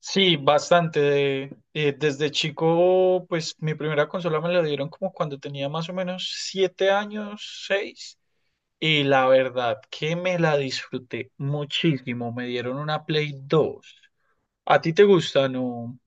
Sí, bastante. Desde chico, pues mi primera consola me la dieron como cuando tenía más o menos siete años, seis. Y la verdad que me la disfruté muchísimo. Me dieron una Play dos. ¿A ti te gusta, no?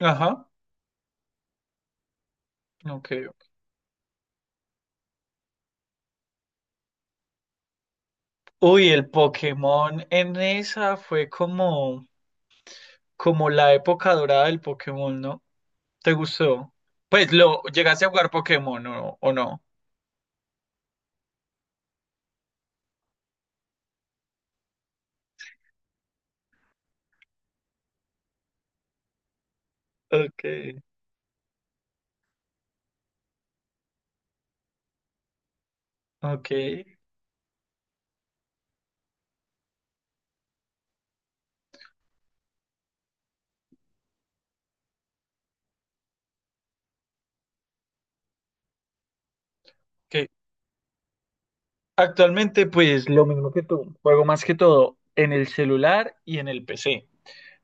Ajá, ok. Ok. Uy, el Pokémon en esa fue como, como la época dorada del Pokémon, ¿no? ¿Te gustó? Pues lo, ¿llegaste a jugar Pokémon, ¿no? o no? Ok, ok. Ok. Actualmente, pues lo mismo que tú, juego más que todo en el celular y en el PC.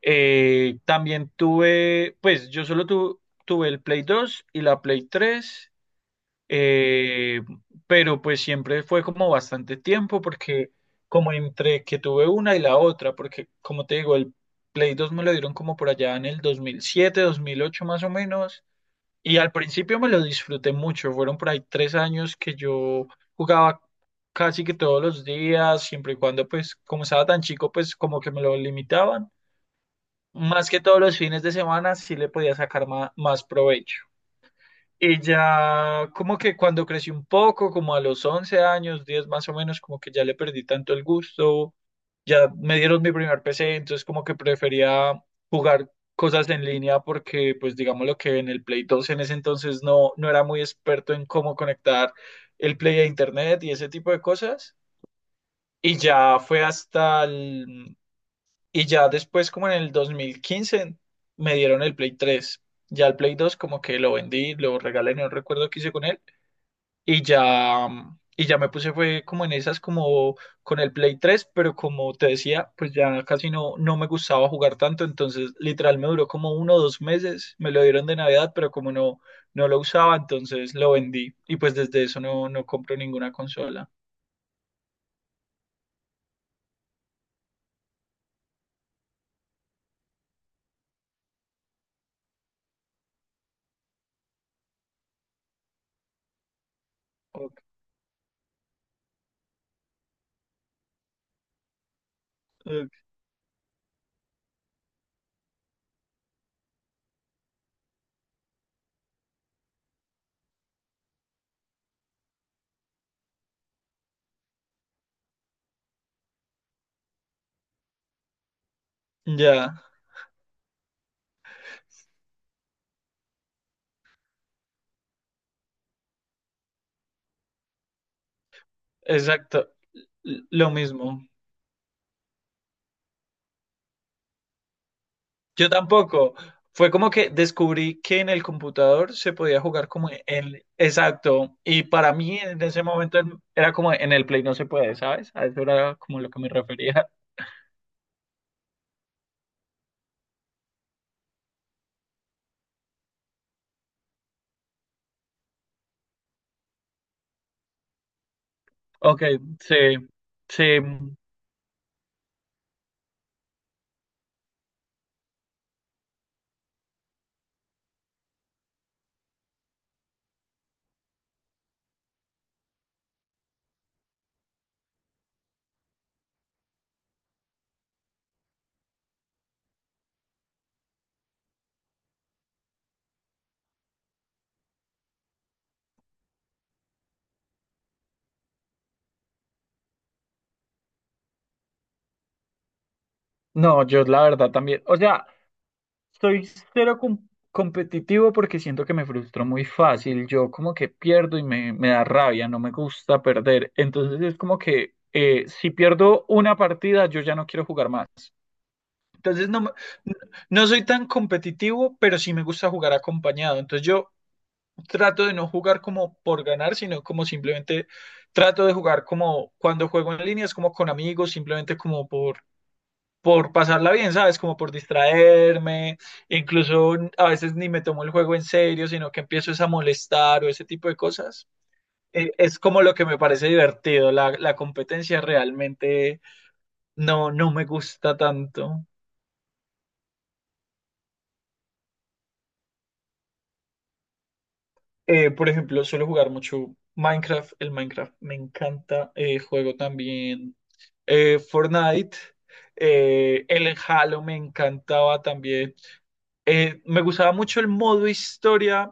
También tuve, pues yo solo tuve el Play 2 y la Play 3, eh, pero pues siempre fue como bastante tiempo porque como entre que tuve una y la otra, porque como te digo, el Play 2 me lo dieron como por allá en el 2007, 2008 más o menos, y al principio me lo disfruté mucho. Fueron por ahí tres años que yo jugaba casi que todos los días, siempre y cuando, pues, como estaba tan chico, pues como que me lo limitaban. Más que todos los fines de semana, sí le podía sacar más provecho. Y ya como que cuando crecí un poco, como a los 11 años, 10 más o menos, como que ya le perdí tanto el gusto, ya me dieron mi primer PC, entonces como que prefería jugar cosas en línea porque pues digamos lo que en el Play dos en ese entonces no, no era muy experto en cómo conectar el Play a Internet y ese tipo de cosas. Y ya fue hasta el... Y ya después como en el 2015 me dieron el Play tres. Ya el Play dos como que lo vendí, lo regalé, no recuerdo qué hice con él y ya, y ya me puse fue como en esas como con el Play tres, pero como te decía, pues ya casi no, no me gustaba jugar tanto, entonces literal me duró como uno o dos meses, me lo dieron de Navidad, pero como no, no lo usaba, entonces lo vendí y pues desde eso no, no compro ninguna consola. Ok, ok. Ya, exacto, lo mismo. Yo tampoco. Fue como que descubrí que en el computador se podía jugar como el Exacto. Y para mí en ese momento era como en el Play no se puede, ¿sabes? A eso era como lo que me refería. Ok, sí. Sí. No, yo la verdad también. O sea, soy cero competitivo porque siento que me frustro muy fácil. Yo como que pierdo y me da rabia, no me gusta perder. Entonces es como que si pierdo una partida, yo ya no quiero jugar más. Entonces no, no soy tan competitivo, pero sí me gusta jugar acompañado. Entonces yo trato de no jugar como por ganar, sino como simplemente trato de jugar como cuando juego en línea, es como con amigos, simplemente como por pasarla bien, ¿sabes? Como por distraerme. Incluso a veces ni me tomo el juego en serio, sino que empiezo es a molestar o ese tipo de cosas. Es como lo que me parece divertido. La competencia realmente no, no me gusta tanto. Por ejemplo, suelo jugar mucho Minecraft. El Minecraft me encanta. Juego también Fortnite. El Halo me encantaba también. Me gustaba mucho el modo historia,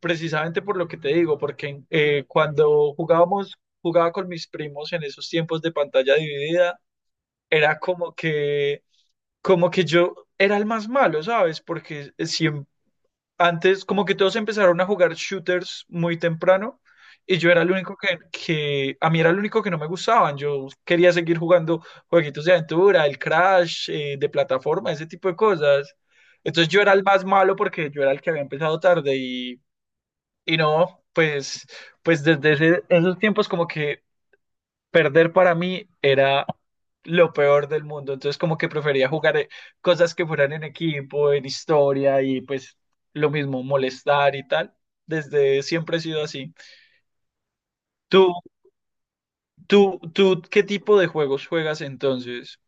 precisamente por lo que te digo, porque cuando jugábamos, jugaba con mis primos en esos tiempos de pantalla dividida, era como que yo era el más malo, ¿sabes? Porque siempre antes, como que todos empezaron a jugar shooters muy temprano y yo era el único que a mí era el único que no me gustaban. Yo quería seguir jugando jueguitos de aventura, el Crash, de plataforma, ese tipo de cosas. Entonces yo era el más malo porque yo era el que había empezado tarde y no, pues, pues desde esos tiempos como que perder para mí era lo peor del mundo. Entonces, como que prefería jugar cosas que fueran en equipo, en historia y pues lo mismo, molestar y tal. Desde siempre he sido así. ¿Tú, tú, qué tipo de juegos juegas entonces?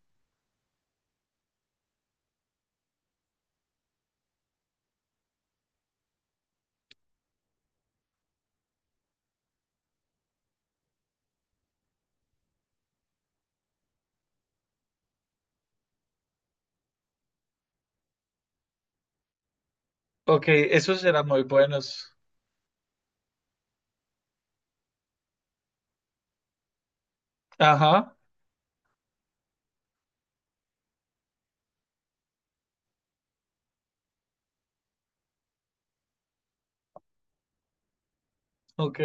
Ok, esos eran muy buenos. Ajá, ok.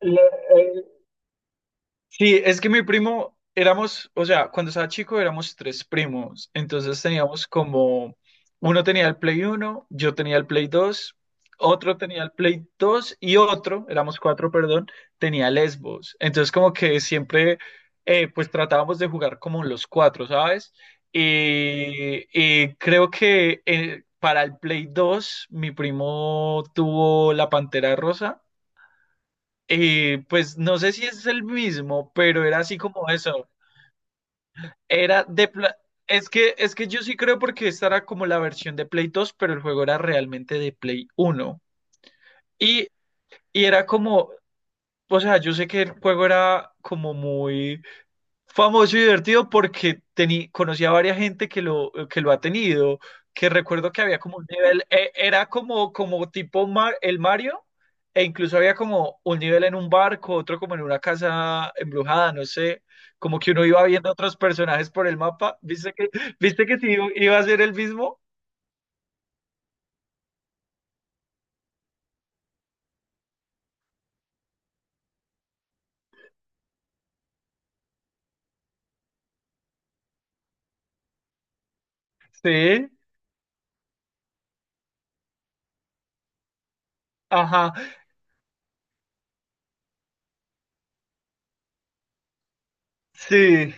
Le- Sí, es que mi primo éramos, o sea, cuando estaba chico éramos tres primos, entonces teníamos como, uno tenía el Play uno, yo tenía el Play dos, otro tenía el Play dos y otro, éramos cuatro, perdón, tenía el Xbox. Entonces como que siempre pues tratábamos de jugar como los cuatro, ¿sabes? Y creo que para el Play dos mi primo tuvo la Pantera Rosa. Y pues no sé si es el mismo, pero era así como eso. Era de pla- es que es que yo sí creo porque esta era como la versión de Play dos, pero el juego era realmente de Play uno. Y era como, o sea, yo sé que el juego era como muy famoso y divertido porque tení, conocí a varias gente que lo ha tenido, que recuerdo que había como un nivel, era como, como tipo el Mario, e incluso había como un nivel en un barco, otro como en una casa embrujada, no sé, como que uno iba viendo otros personajes por el mapa, viste que sí iba a ser el mismo? Sí, ajá, sí.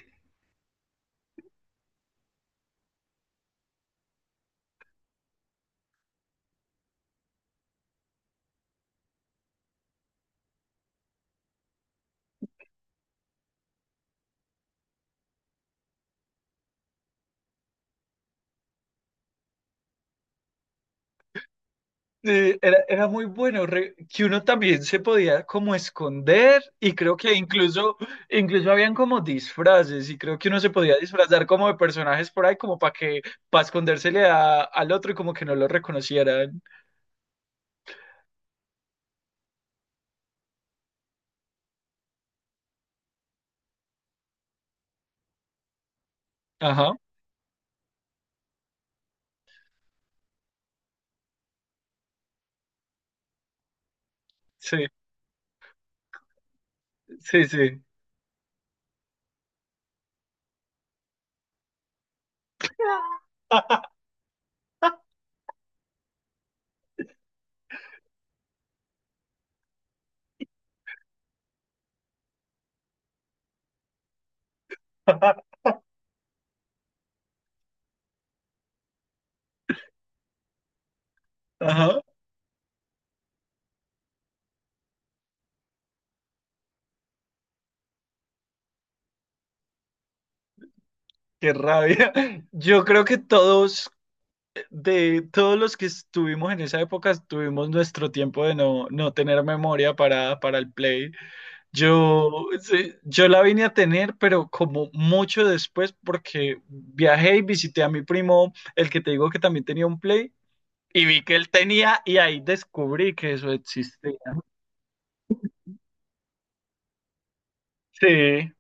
Sí, era, era muy bueno, que uno también se podía como esconder y creo que incluso, incluso habían como disfraces y creo que uno se podía disfrazar como de personajes por ahí como para que, para escondérsele al otro y como que no lo reconocieran. Ajá, sí, sí, sí. Ajá, qué rabia. Yo creo que todos, de todos los que estuvimos en esa época, tuvimos nuestro tiempo de no, no tener memoria para el play. Yo, sí, yo la vine a tener, pero como mucho después, porque viajé y visité a mi primo, el que te digo que también tenía un Play, y vi que él tenía, y ahí descubrí que eso existía. Sí,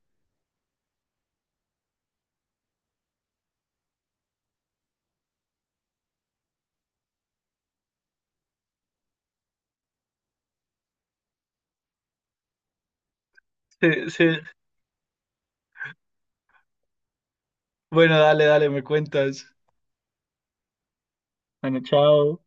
sí, sí. Bueno, dale, dale, me cuentas. Bueno, chao.